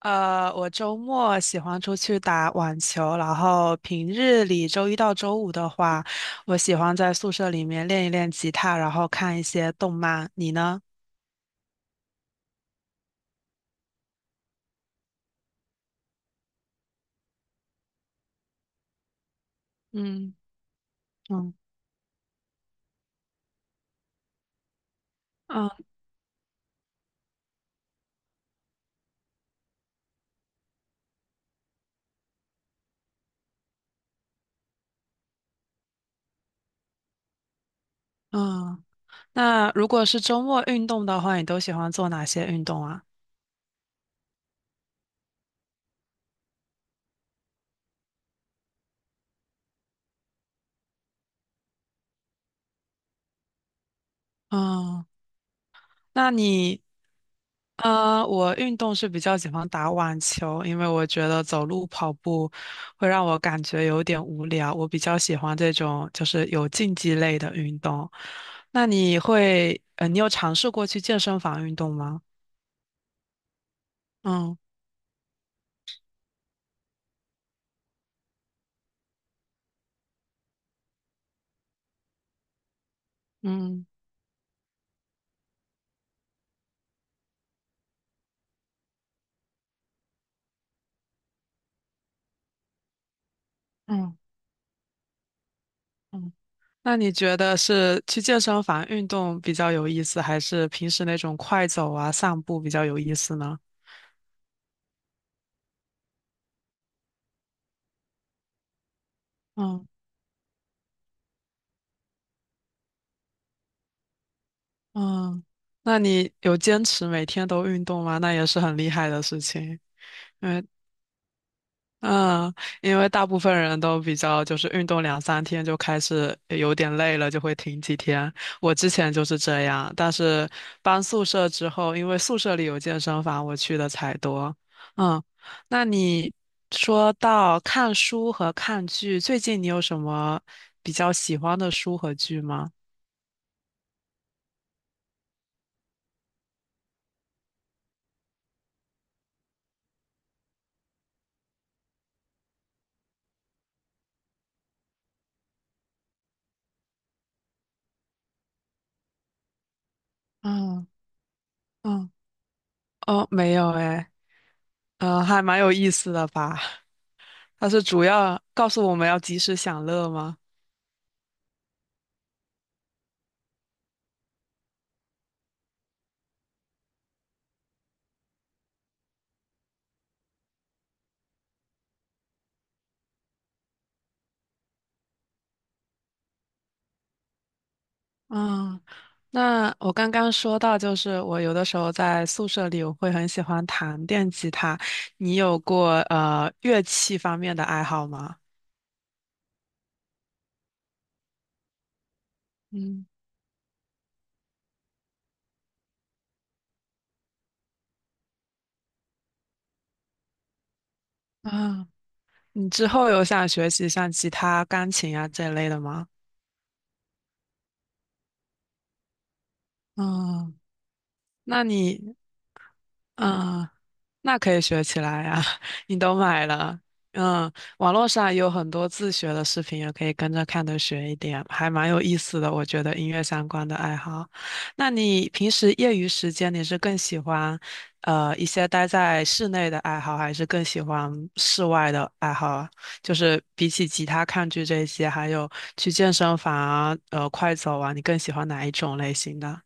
我周末喜欢出去打网球，然后平日里周一到周五的话，我喜欢在宿舍里面练一练吉他，然后看一些动漫。你呢？嗯嗯嗯嗯。那如果是周末运动的话，你都喜欢做哪些运动啊？嗯。那你，我运动是比较喜欢打网球，因为我觉得走路跑步会让我感觉有点无聊，我比较喜欢这种就是有竞技类的运动。那你会，呃，你有尝试过去健身房运动吗？嗯嗯嗯嗯。那你觉得是去健身房运动比较有意思，还是平时那种快走啊、散步比较有意思呢？嗯。嗯，那你有坚持每天都运动吗？那也是很厉害的事情。因为嗯，因为大部分人都比较就是运动两三天就开始有点累了，就会停几天。我之前就是这样，但是搬宿舍之后，因为宿舍里有健身房，我去的才多。嗯，那你说到看书和看剧，最近你有什么比较喜欢的书和剧吗？嗯嗯哦，没有诶。还蛮有意思的吧？它是主要告诉我们要及时享乐吗？嗯，那我刚刚说到，就是我有的时候在宿舍里，我会很喜欢弹电吉他。你有过乐器方面的爱好吗？嗯啊，你之后有想学习像吉他、钢琴啊这类的吗？嗯，那你嗯，呃那可以学起来呀、你都买了。嗯，网络上也有很多自学的视频，也可以跟着看着学一点，还蛮有意思的。我觉得音乐相关的爱好，那你平时业余时间你是更喜欢，一些待在室内的爱好，还是更喜欢室外的爱好啊？就是比起吉他、看剧这些，还有去健身房啊，快走啊，你更喜欢哪一种类型的？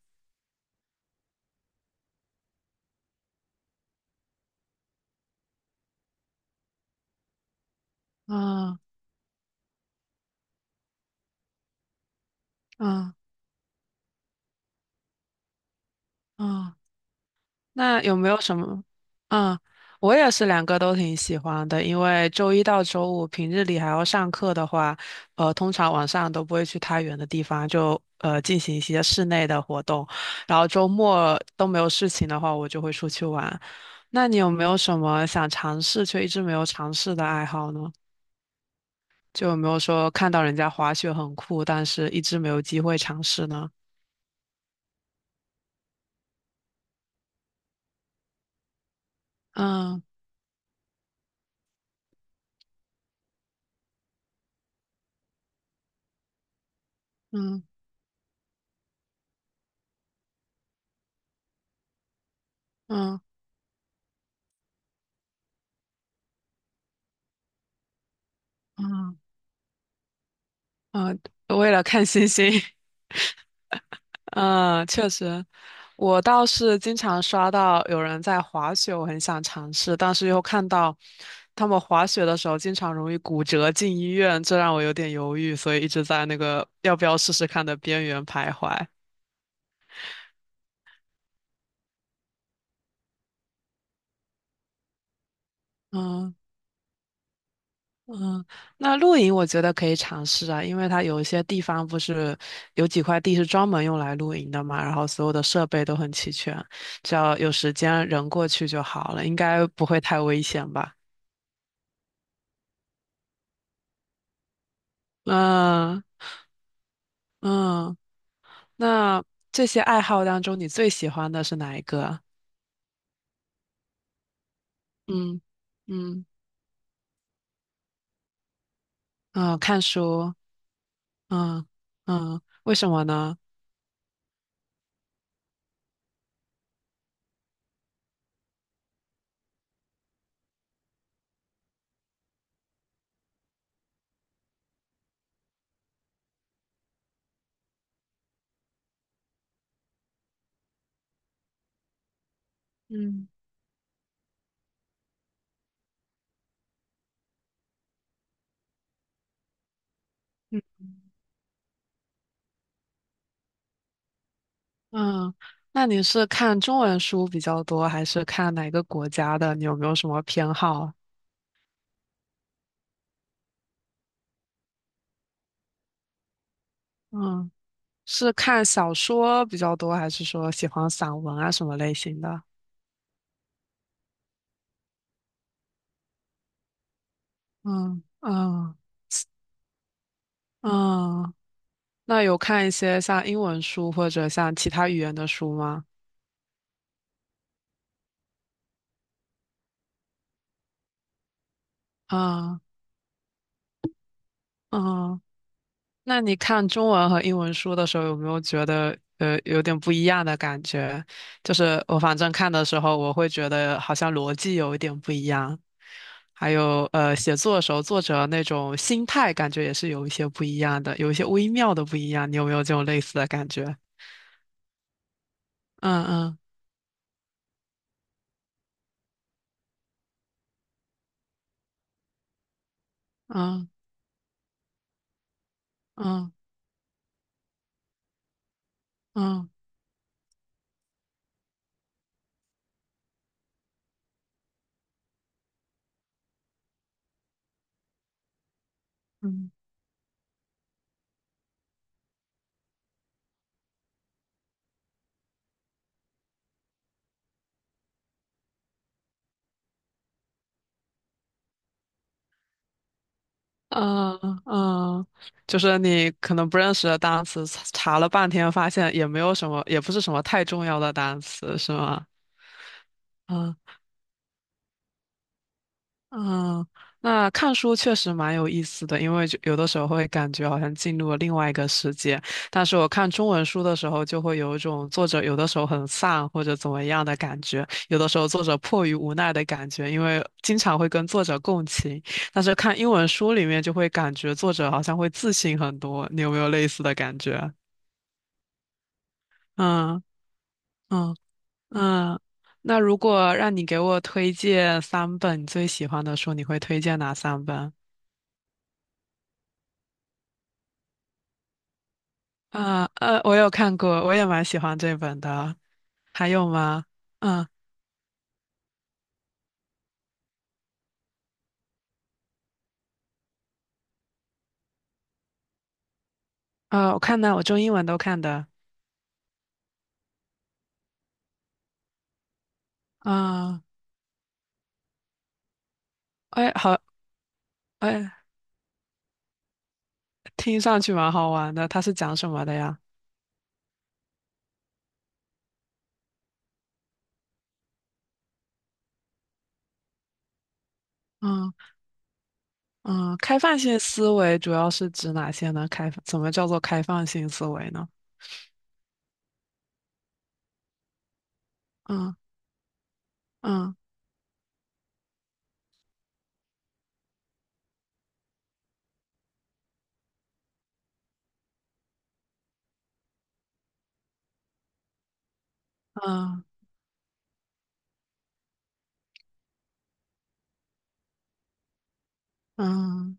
啊啊啊！那有没有什么？嗯，我也是两个都挺喜欢的，因为周一到周五平日里还要上课的话，通常晚上都不会去太远的地方，就进行一些室内的活动，然后周末都没有事情的话，我就会出去玩。那你有没有什么想尝试却一直没有尝试的爱好呢？就有没有说看到人家滑雪很酷，但是一直没有机会尝试呢？嗯嗯嗯嗯嗯，为了看星星。嗯，确实，我倒是经常刷到有人在滑雪，我很想尝试，但是又看到他们滑雪的时候经常容易骨折进医院，这让我有点犹豫，所以一直在那个要不要试试看的边缘徘徊。嗯嗯，那露营我觉得可以尝试啊，因为它有一些地方不是有几块地是专门用来露营的嘛，然后所有的设备都很齐全，只要有时间人过去就好了，应该不会太危险吧。嗯嗯，那这些爱好当中，你最喜欢的是哪一个啊？嗯嗯嗯，看书。嗯嗯，为什么呢？嗯嗯。嗯，那你是看中文书比较多，还是看哪个国家的？你有没有什么偏好？嗯，是看小说比较多，还是说喜欢散文啊什么类型的？嗯嗯嗯，那有看一些像英文书或者像其他语言的书吗？嗯嗯那你看中文和英文书的时候，有没有觉得有点不一样的感觉？就是我反正看的时候，我会觉得好像逻辑有一点不一样，还有写作的时候，作者那种心态感觉也是有一些不一样的，有一些微妙的不一样。你有没有这种类似的感觉？嗯嗯嗯嗯嗯嗯嗯嗯，就是你可能不认识的单词，查了半天发现也没有什么，也不是什么太重要的单词，是吗？嗯。嗯，那看书确实蛮有意思的，因为就有的时候会感觉好像进入了另外一个世界。但是我看中文书的时候，就会有一种作者有的时候很丧或者怎么样的感觉，有的时候作者迫于无奈的感觉，因为经常会跟作者共情。但是看英文书里面就会感觉作者好像会自信很多，你有没有类似的感觉啊？嗯嗯嗯。那如果让你给我推荐三本你最喜欢的书，你会推荐哪三本？啊，我有看过，我也蛮喜欢这本的。还有吗？嗯啊，我看呢，我中英文都看的。啊，哎，好，哎，听上去蛮好玩的。它是讲什么的呀？嗯嗯，开放性思维主要是指哪些呢？开放，怎么叫做开放性思维呢？嗯嗯嗯嗯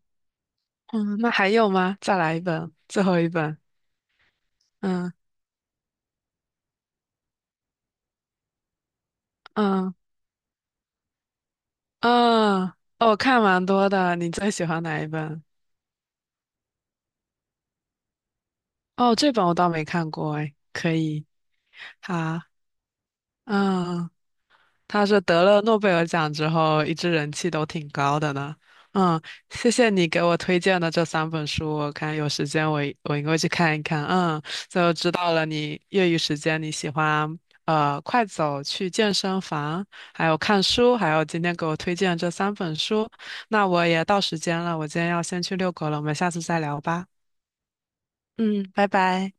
嗯，那还有吗？再来一本，最后一本。嗯嗯嗯，哦，我看蛮多的。你最喜欢哪一本？哦，这本我倒没看过哎，可以。他，嗯，他是得了诺贝尔奖之后，一直人气都挺高的呢。嗯，谢谢你给我推荐的这三本书，我看有时间我应该去看一看。嗯，就知道了你业余时间你喜欢快走去健身房，还有看书，还有今天给我推荐这三本书。那我也到时间了，我今天要先去遛狗了，我们下次再聊吧。嗯，拜拜。